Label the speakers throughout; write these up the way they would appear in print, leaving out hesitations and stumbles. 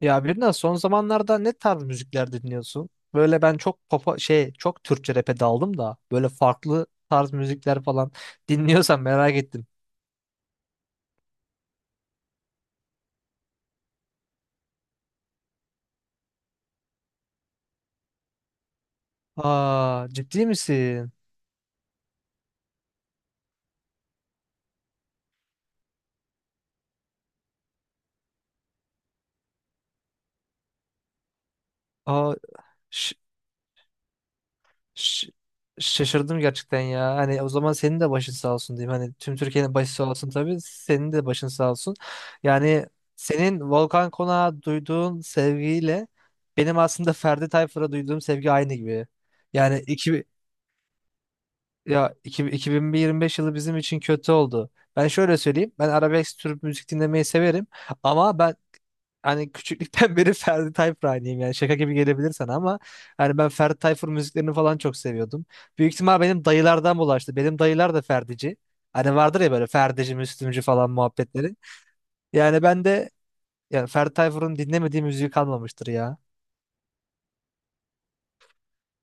Speaker 1: Ya Birna, son zamanlarda ne tarz müzikler dinliyorsun? Böyle ben çok popa çok Türkçe rap'e daldım da böyle farklı tarz müzikler falan dinliyorsan merak ettim. Aa, ciddi misin? Aa ş- ş- Şaşırdım gerçekten ya. Hani o zaman senin de başın sağ olsun diyeyim. Hani tüm Türkiye'nin başı sağ olsun tabii. Senin de başın sağ olsun. Yani senin Volkan Konak'a duyduğun sevgiyle benim aslında Ferdi Tayfur'a duyduğum sevgi aynı gibi. Yani iki, 2025 yılı bizim için kötü oldu. Ben şöyle söyleyeyim. Ben arabesk tür müzik dinlemeyi severim. Ama ben hani küçüklükten beri Ferdi Tayfur hayranıyım. Yani şaka gibi gelebilir sana ama hani ben Ferdi Tayfur müziklerini falan çok seviyordum. Büyük ihtimal benim dayılardan bulaştı. Benim dayılar da Ferdici. Hani vardır ya böyle Ferdici, Müslümcü falan muhabbetleri. Yani ben de yani Ferdi Tayfur'un dinlemediği müziği kalmamıştır ya.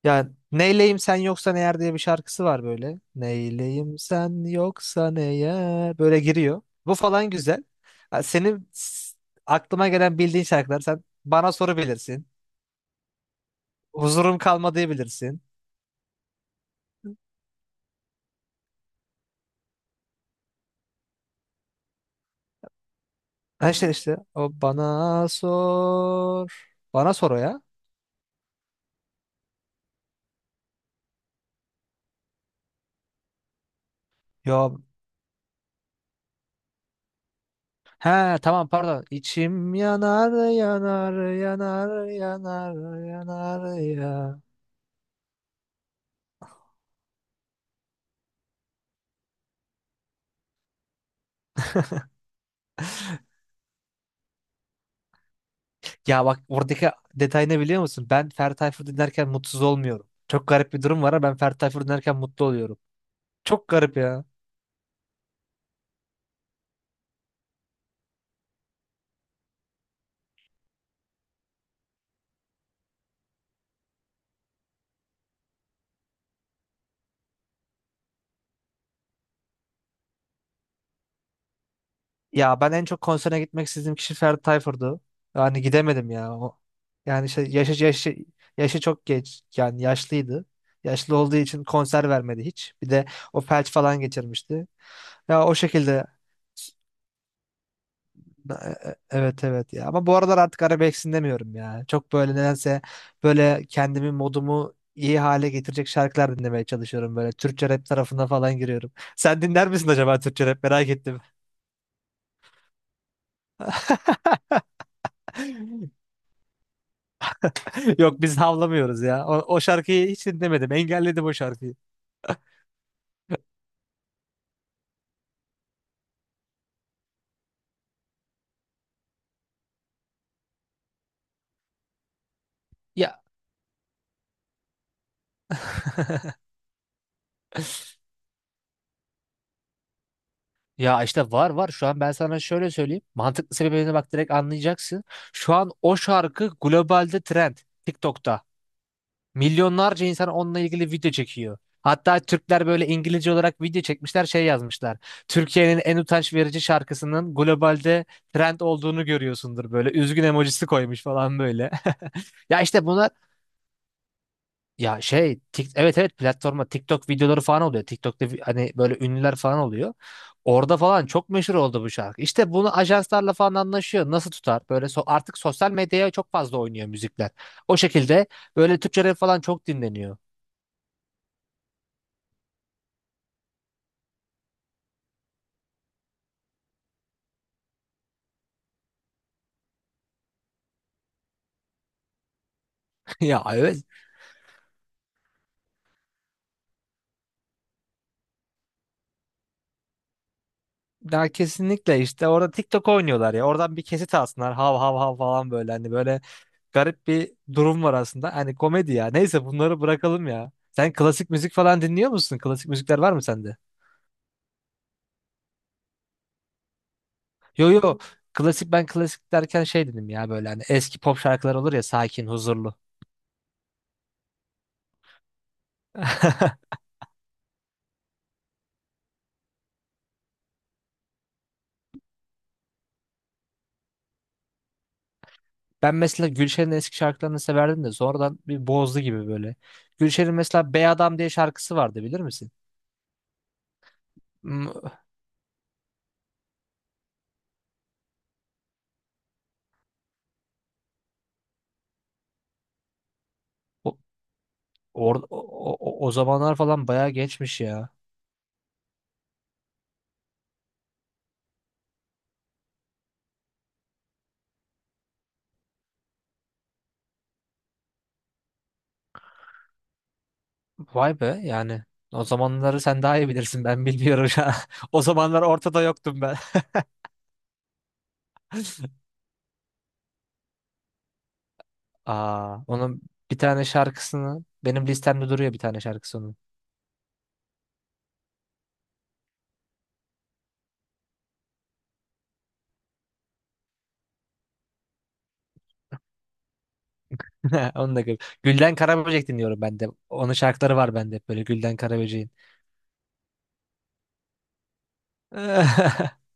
Speaker 1: Yani neyleyim sen yoksan eğer diye bir şarkısı var böyle. Neyleyim sen yoksan eğer böyle giriyor. Bu falan güzel. Ha, Senin s- Aklıma gelen bildiğin şarkılar, sen bana soru bilirsin. Huzurum kalmadı bilirsin. Ha, işte o bana sor. Bana sor o ya. Yo. He, tamam, pardon. İçim yanar ya. Ya bak, oradaki detay ne biliyor musun? Ben Ferdi Tayfur dinlerken mutsuz olmuyorum. Çok garip bir durum var ama ben Ferdi Tayfur dinlerken mutlu oluyorum. Çok garip ya. Ya ben en çok konsere gitmek istediğim kişi Ferdi Tayfur'du. Yani gidemedim ya. O, yani şey, yaşı, yaşı, Yaşı çok geç. Yani yaşlıydı. Yaşlı olduğu için konser vermedi hiç. Bir de o felç falan geçirmişti. Ya o şekilde evet, evet ya, ama bu aralar artık arabesk demiyorum ya. Çok böyle nedense böyle kendimi, modumu iyi hale getirecek şarkılar dinlemeye çalışıyorum, böyle Türkçe rap tarafına falan giriyorum. Sen dinler misin acaba Türkçe rap, merak ettim. Yok, biz havlamıyoruz ya. O şarkıyı hiç dinlemedim. Engelledim o şarkıyı. Ya ya işte var şu an, ben sana şöyle söyleyeyim. Mantıklı sebebine bak, direkt anlayacaksın. Şu an o şarkı globalde trend. TikTok'ta. Milyonlarca insan onunla ilgili video çekiyor. Hatta Türkler böyle İngilizce olarak video çekmişler, yazmışlar. Türkiye'nin en utanç verici şarkısının globalde trend olduğunu görüyorsundur böyle. Üzgün emojisi koymuş falan böyle. Ya işte buna evet, evet, platforma TikTok videoları falan oluyor. Hani böyle ünlüler falan oluyor. Orada falan çok meşhur oldu bu şarkı. İşte bunu ajanslarla falan anlaşıyor. Nasıl tutar? Böyle artık sosyal medyaya çok fazla oynuyor müzikler. O şekilde böyle Türkçe rap falan çok dinleniyor. Ya evet. Ya kesinlikle, işte orada TikTok oynuyorlar ya. Oradan bir kesit alsınlar. Hav hav hav falan, böyle hani böyle garip bir durum var aslında. Hani komedi ya. Neyse, bunları bırakalım ya. Sen klasik müzik falan dinliyor musun? Klasik müzikler var mı sende? Yo yo, klasik, ben klasik derken dedim ya, böyle hani eski pop şarkılar olur ya, sakin, huzurlu. Ben mesela Gülşen'in eski şarkılarını severdim de sonradan bir bozdu gibi böyle. Gülşen'in mesela Bey Adam diye şarkısı vardı, bilir misin? Hmm. O, or- o, o, O zamanlar falan bayağı geçmiş ya. Vay be yani. O zamanları sen daha iyi bilirsin, ben bilmiyorum ya. O zamanlar ortada yoktum ben. Aa, onun bir tane şarkısını benim listemde duruyor, bir tane şarkısı. Onu da gül. Gülden Karaböcek dinliyorum ben de. Onun şarkıları var bende hep, böyle Gülden Karaböcek'in.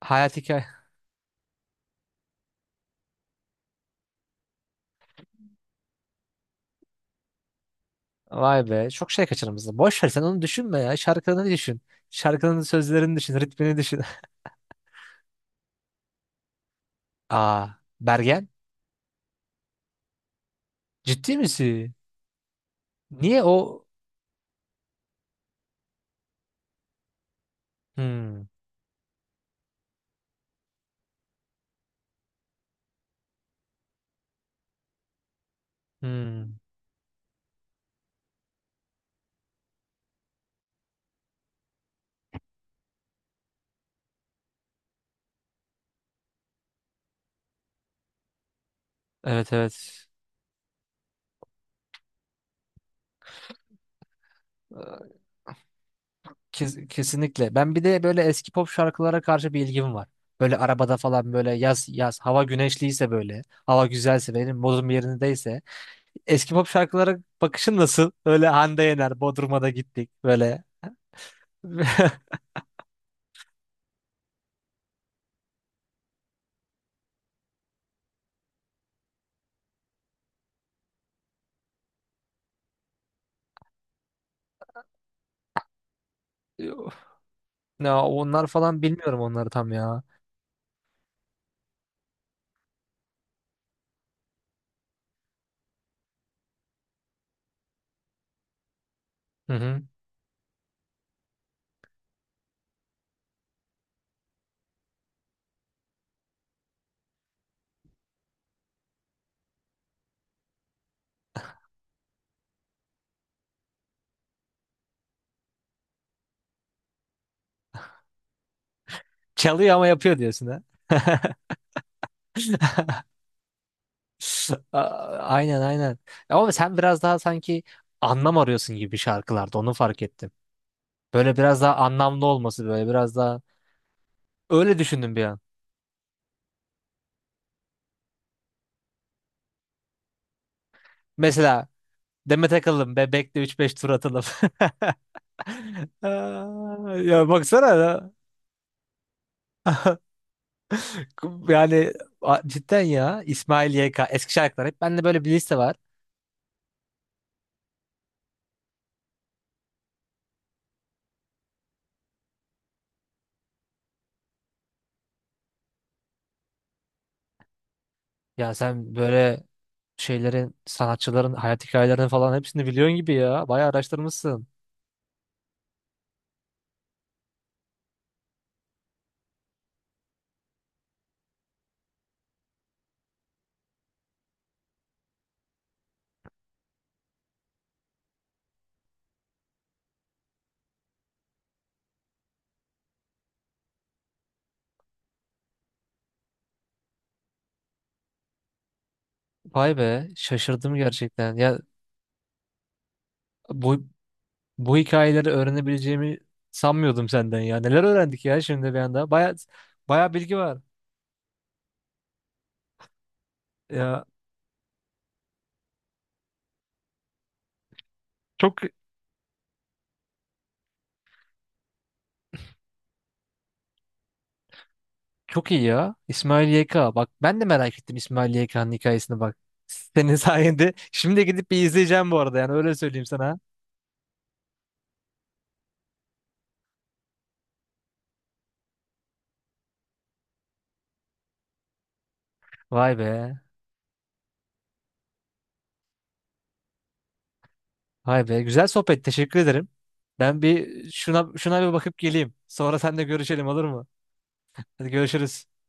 Speaker 1: Hayat hikaye. Vay be. Çok şey kaçırmışsın. Boş ver, sen onu düşünme ya. Şarkılarını düşün. Şarkının sözlerini düşün. Ritmini düşün. Aa, Bergen. Ciddi misin? Niye o? Hmm, hmm. Evet, evet. Ee, Kesinlikle. Ben bir de böyle eski pop şarkılara karşı bir ilgim var. Böyle arabada falan, böyle yaz yaz, hava güneşliyse, böyle hava güzelse, benim modum yerindeyse eski pop şarkılara bakışın nasıl? Öyle Hande Yener, Bodrum'a da gittik. Böyle. Ya onlar falan bilmiyorum, onları tam ya. Hı hı. Çalıyor ama yapıyor diyorsun ha. A- Aynen, aynen. Ama sen biraz daha sanki anlam arıyorsun gibi şarkılarda, onu fark ettim. Böyle biraz daha anlamlı olması, böyle biraz daha, öyle düşündüm bir an. Mesela Demet Akalın Bebek'le üç beş tur atalım. Aa, ya baksana ya. Yani cidden ya, İsmail YK eski şarkılar hep bende böyle bir liste var. Ya sen böyle sanatçıların hayat hikayelerini falan hepsini biliyorsun gibi ya. Bayağı araştırmışsın. Vay be, şaşırdım gerçekten. Ya bu bu hikayeleri öğrenebileceğimi sanmıyordum senden ya. Neler öğrendik ya şimdi bir anda. Bayağı bilgi var. Ya çok çok iyi ya. İsmail YK. Bak, ben de merak ettim İsmail YK'nın hikayesini bak. Senin sayende. Şimdi gidip bir izleyeceğim bu arada, yani öyle söyleyeyim sana. Vay be. Vay be. Güzel sohbet. Teşekkür ederim. Ben bir şuna bir bakıp geleyim. Sonra seninle görüşelim, olur mu? Hadi görüşürüz.